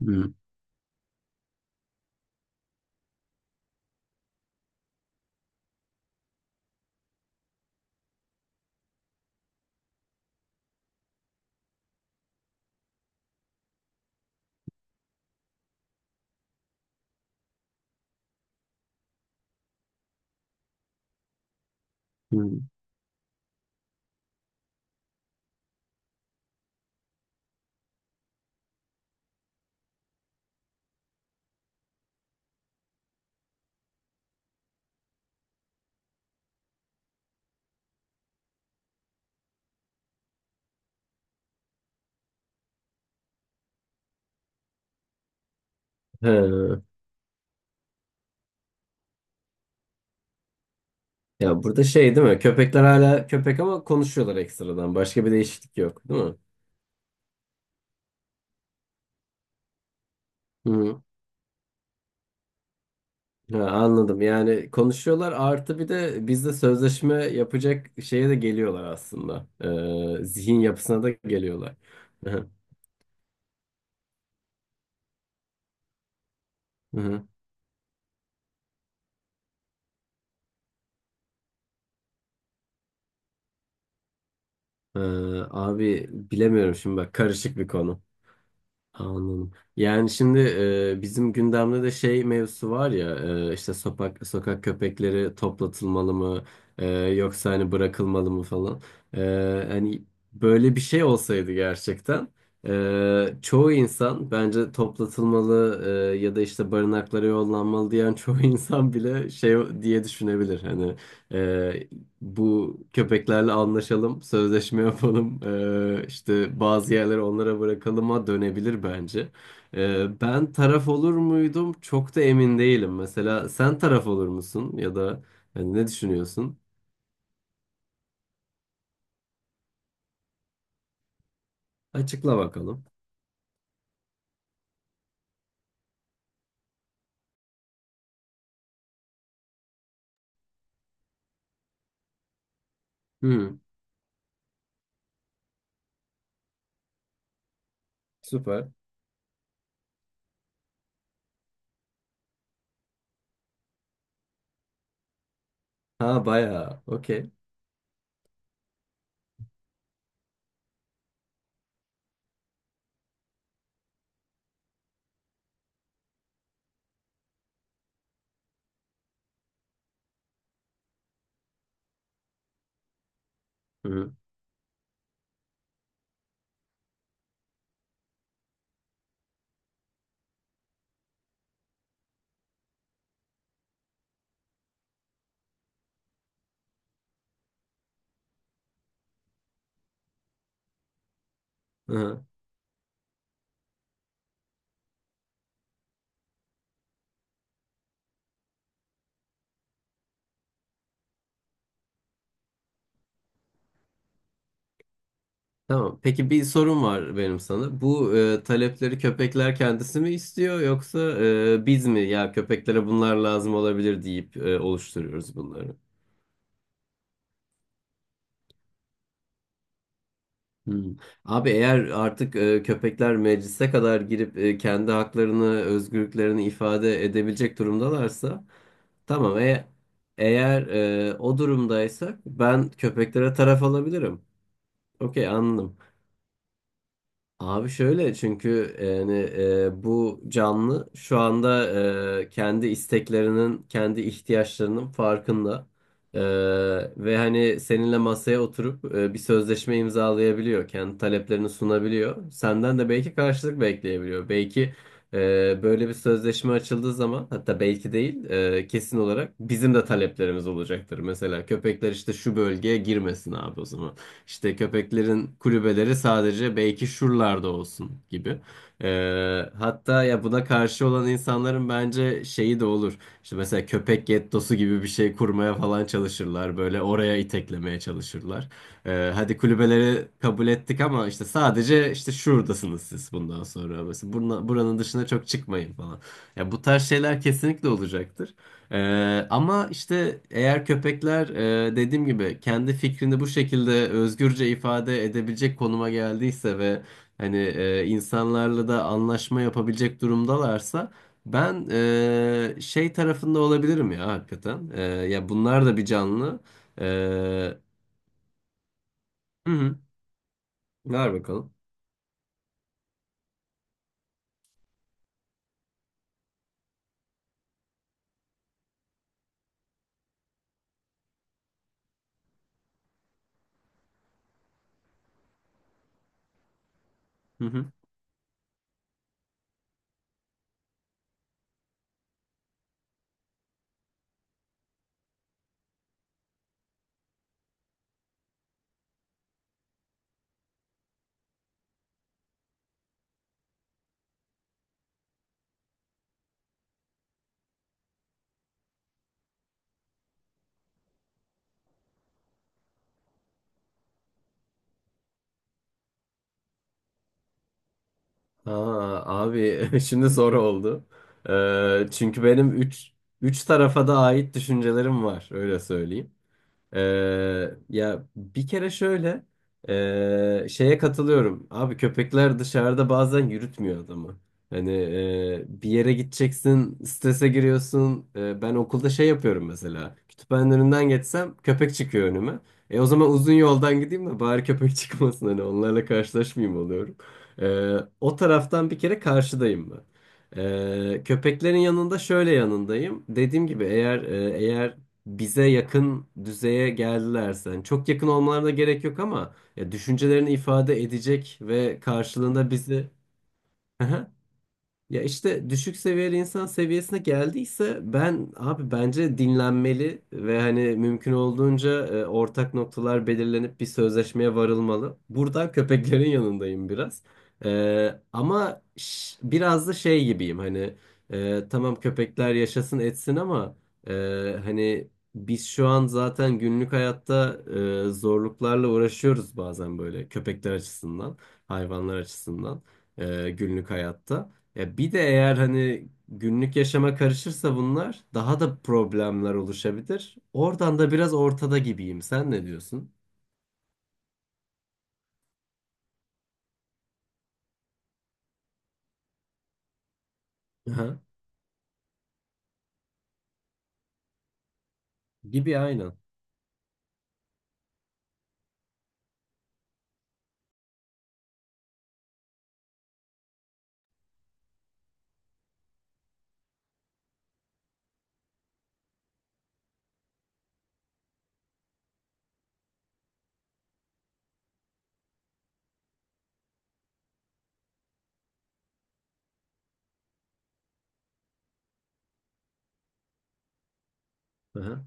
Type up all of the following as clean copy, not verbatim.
Hmm, hmm. He. Ya burada şey değil mi? Köpekler hala köpek ama konuşuyorlar ekstradan. Başka bir değişiklik yok, değil mi? Hı. Ha, anladım. Yani konuşuyorlar artı bir de bizde sözleşme yapacak şeye de geliyorlar aslında. Zihin yapısına da geliyorlar. Hı hı. Hı hı. Ee, Abi bilemiyorum şimdi bak karışık bir konu. Anladım. Yani şimdi bizim gündemde de şey mevzusu var ya, işte sokak köpekleri toplatılmalı mı, yoksa hani bırakılmalı mı falan. E, Hani böyle bir şey olsaydı gerçekten, çoğu insan bence toplatılmalı, ya da işte barınaklara yollanmalı diyen çoğu insan bile şey diye düşünebilir. Hani bu köpeklerle anlaşalım, sözleşme yapalım, işte bazı yerleri onlara bırakalıma dönebilir bence. Ben taraf olur muydum? Çok da emin değilim. Mesela sen taraf olur musun ya da hani ne düşünüyorsun? Açıkla bakalım. Hı, süper. Ha bayağı. Okey. Hı, hı. Tamam. Peki bir sorum var benim sana. Bu talepleri köpekler kendisi mi istiyor yoksa biz mi ya köpeklere bunlar lazım olabilir deyip oluşturuyoruz bunları? Hmm. Abi eğer artık köpekler meclise kadar girip kendi haklarını, özgürlüklerini ifade edebilecek durumdalarsa tamam. Eğer o durumdaysak ben köpeklere taraf alabilirim. Okey anladım. Abi şöyle çünkü yani bu canlı şu anda kendi isteklerinin, kendi ihtiyaçlarının farkında. E, Ve hani seninle masaya oturup bir sözleşme imzalayabiliyor. Kendi taleplerini sunabiliyor. Senden de belki karşılık bekleyebiliyor. Belki böyle bir sözleşme açıldığı zaman, hatta belki değil, kesin olarak bizim de taleplerimiz olacaktır. Mesela köpekler işte şu bölgeye girmesin abi o zaman. İşte köpeklerin kulübeleri sadece belki şuralarda olsun gibi. Hatta ya buna karşı olan insanların bence şeyi de olur. İşte mesela köpek gettosu gibi bir şey kurmaya falan çalışırlar. Böyle oraya iteklemeye çalışırlar. Hadi kulübeleri kabul ettik ama işte sadece işte şuradasınız siz bundan sonra. Mesela buranın dışına çok çıkmayın falan. Ya bu tarz şeyler kesinlikle olacaktır. Ama işte eğer köpekler dediğim gibi kendi fikrini bu şekilde özgürce ifade edebilecek konuma geldiyse ve hani insanlarla da anlaşma yapabilecek durumdalarsa ben, şey tarafında olabilirim ya hakikaten. Ya bunlar da bir canlı. E, hı hı, ver bakalım. Hı hı. Aa, abi şimdi zor oldu. Çünkü benim üç tarafa da ait düşüncelerim var, öyle söyleyeyim. Ya bir kere şöyle şeye katılıyorum. Abi köpekler dışarıda bazen yürütmüyor adamı. Hani bir yere gideceksin, strese giriyorsun. Ben okulda şey yapıyorum mesela. Kütüphanenin önünden geçsem köpek çıkıyor önüme. E o zaman uzun yoldan gideyim de bari köpek çıkmasın, hani onlarla karşılaşmayayım oluyorum. O taraftan bir kere karşıdayım ben. Köpeklerin yanında şöyle yanındayım. Dediğim gibi eğer bize yakın düzeye geldilerse. Yani çok yakın olmalarına gerek yok ama ya düşüncelerini ifade edecek ve karşılığında bizi ya işte düşük seviyeli insan seviyesine geldiyse ben abi bence dinlenmeli ve hani mümkün olduğunca ortak noktalar belirlenip bir sözleşmeye varılmalı. Buradan köpeklerin yanındayım biraz. Ama biraz da şey gibiyim hani, tamam köpekler yaşasın etsin ama e, hani biz şu an zaten günlük hayatta zorluklarla uğraşıyoruz bazen böyle köpekler açısından, hayvanlar açısından, günlük hayatta. Ya bir de eğer hani günlük yaşama karışırsa bunlar daha da problemler oluşabilir. Oradan da biraz ortada gibiyim. Sen ne diyorsun? Aha. Gibi aynen. Aha.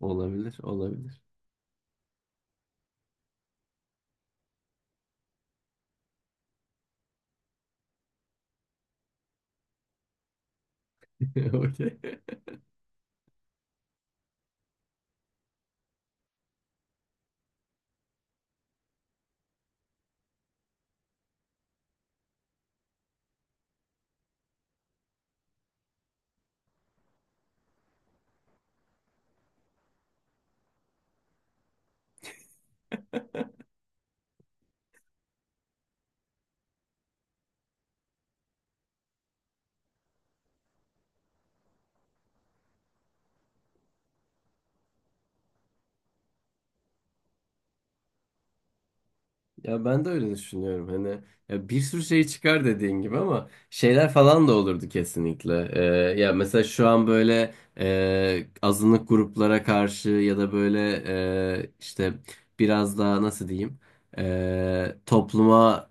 Olabilir, olabilir. Okey. Ya ben de öyle düşünüyorum. Hani ya bir sürü şey çıkar dediğin gibi, ama şeyler falan da olurdu kesinlikle. Ya mesela şu an böyle azınlık gruplara karşı ya da böyle, işte biraz daha nasıl diyeyim? e, topluma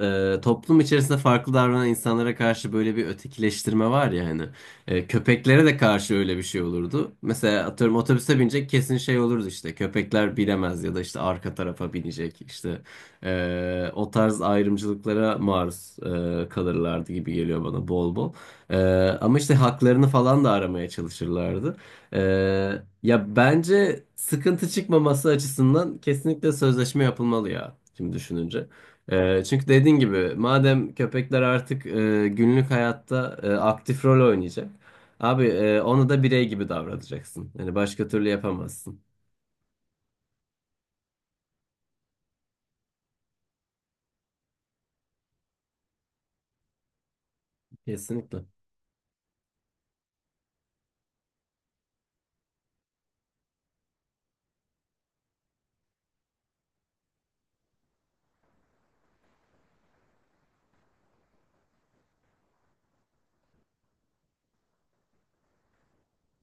Toplum içerisinde farklı davranan insanlara karşı böyle bir ötekileştirme var ya hani. Köpeklere de karşı öyle bir şey olurdu. Mesela atıyorum otobüse binecek kesin şey olurdu işte. Köpekler bilemez ya da işte arka tarafa binecek. İşte o tarz ayrımcılıklara maruz kalırlardı gibi geliyor bana bol bol. E, Ama işte haklarını falan da aramaya çalışırlardı. E, Ya bence sıkıntı çıkmaması açısından kesinlikle sözleşme yapılmalı ya. Şimdi düşününce. Çünkü dediğin gibi madem köpekler artık günlük hayatta aktif rol oynayacak. Abi onu da birey gibi davranacaksın. Yani başka türlü yapamazsın. Kesinlikle.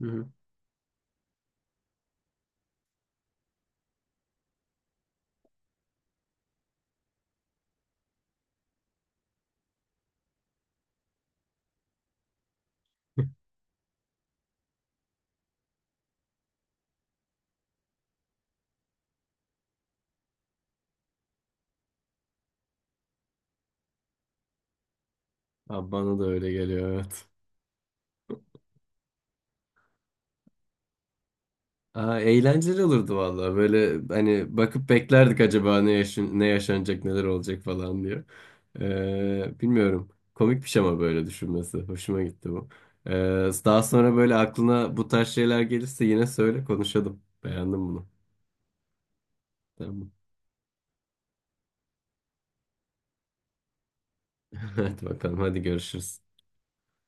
Hı hı. Abi bana da öyle geliyor, evet. Aa, eğlenceli olurdu vallahi. Böyle hani bakıp beklerdik acaba ne yaşanacak, neler olacak falan diye. Bilmiyorum. Komikmiş ama böyle düşünmesi. Hoşuma gitti bu. Ee, Daha sonra böyle aklına bu tarz şeyler gelirse yine söyle, konuşalım. Beğendim bunu. Tamam. Hadi bakalım, hadi görüşürüz.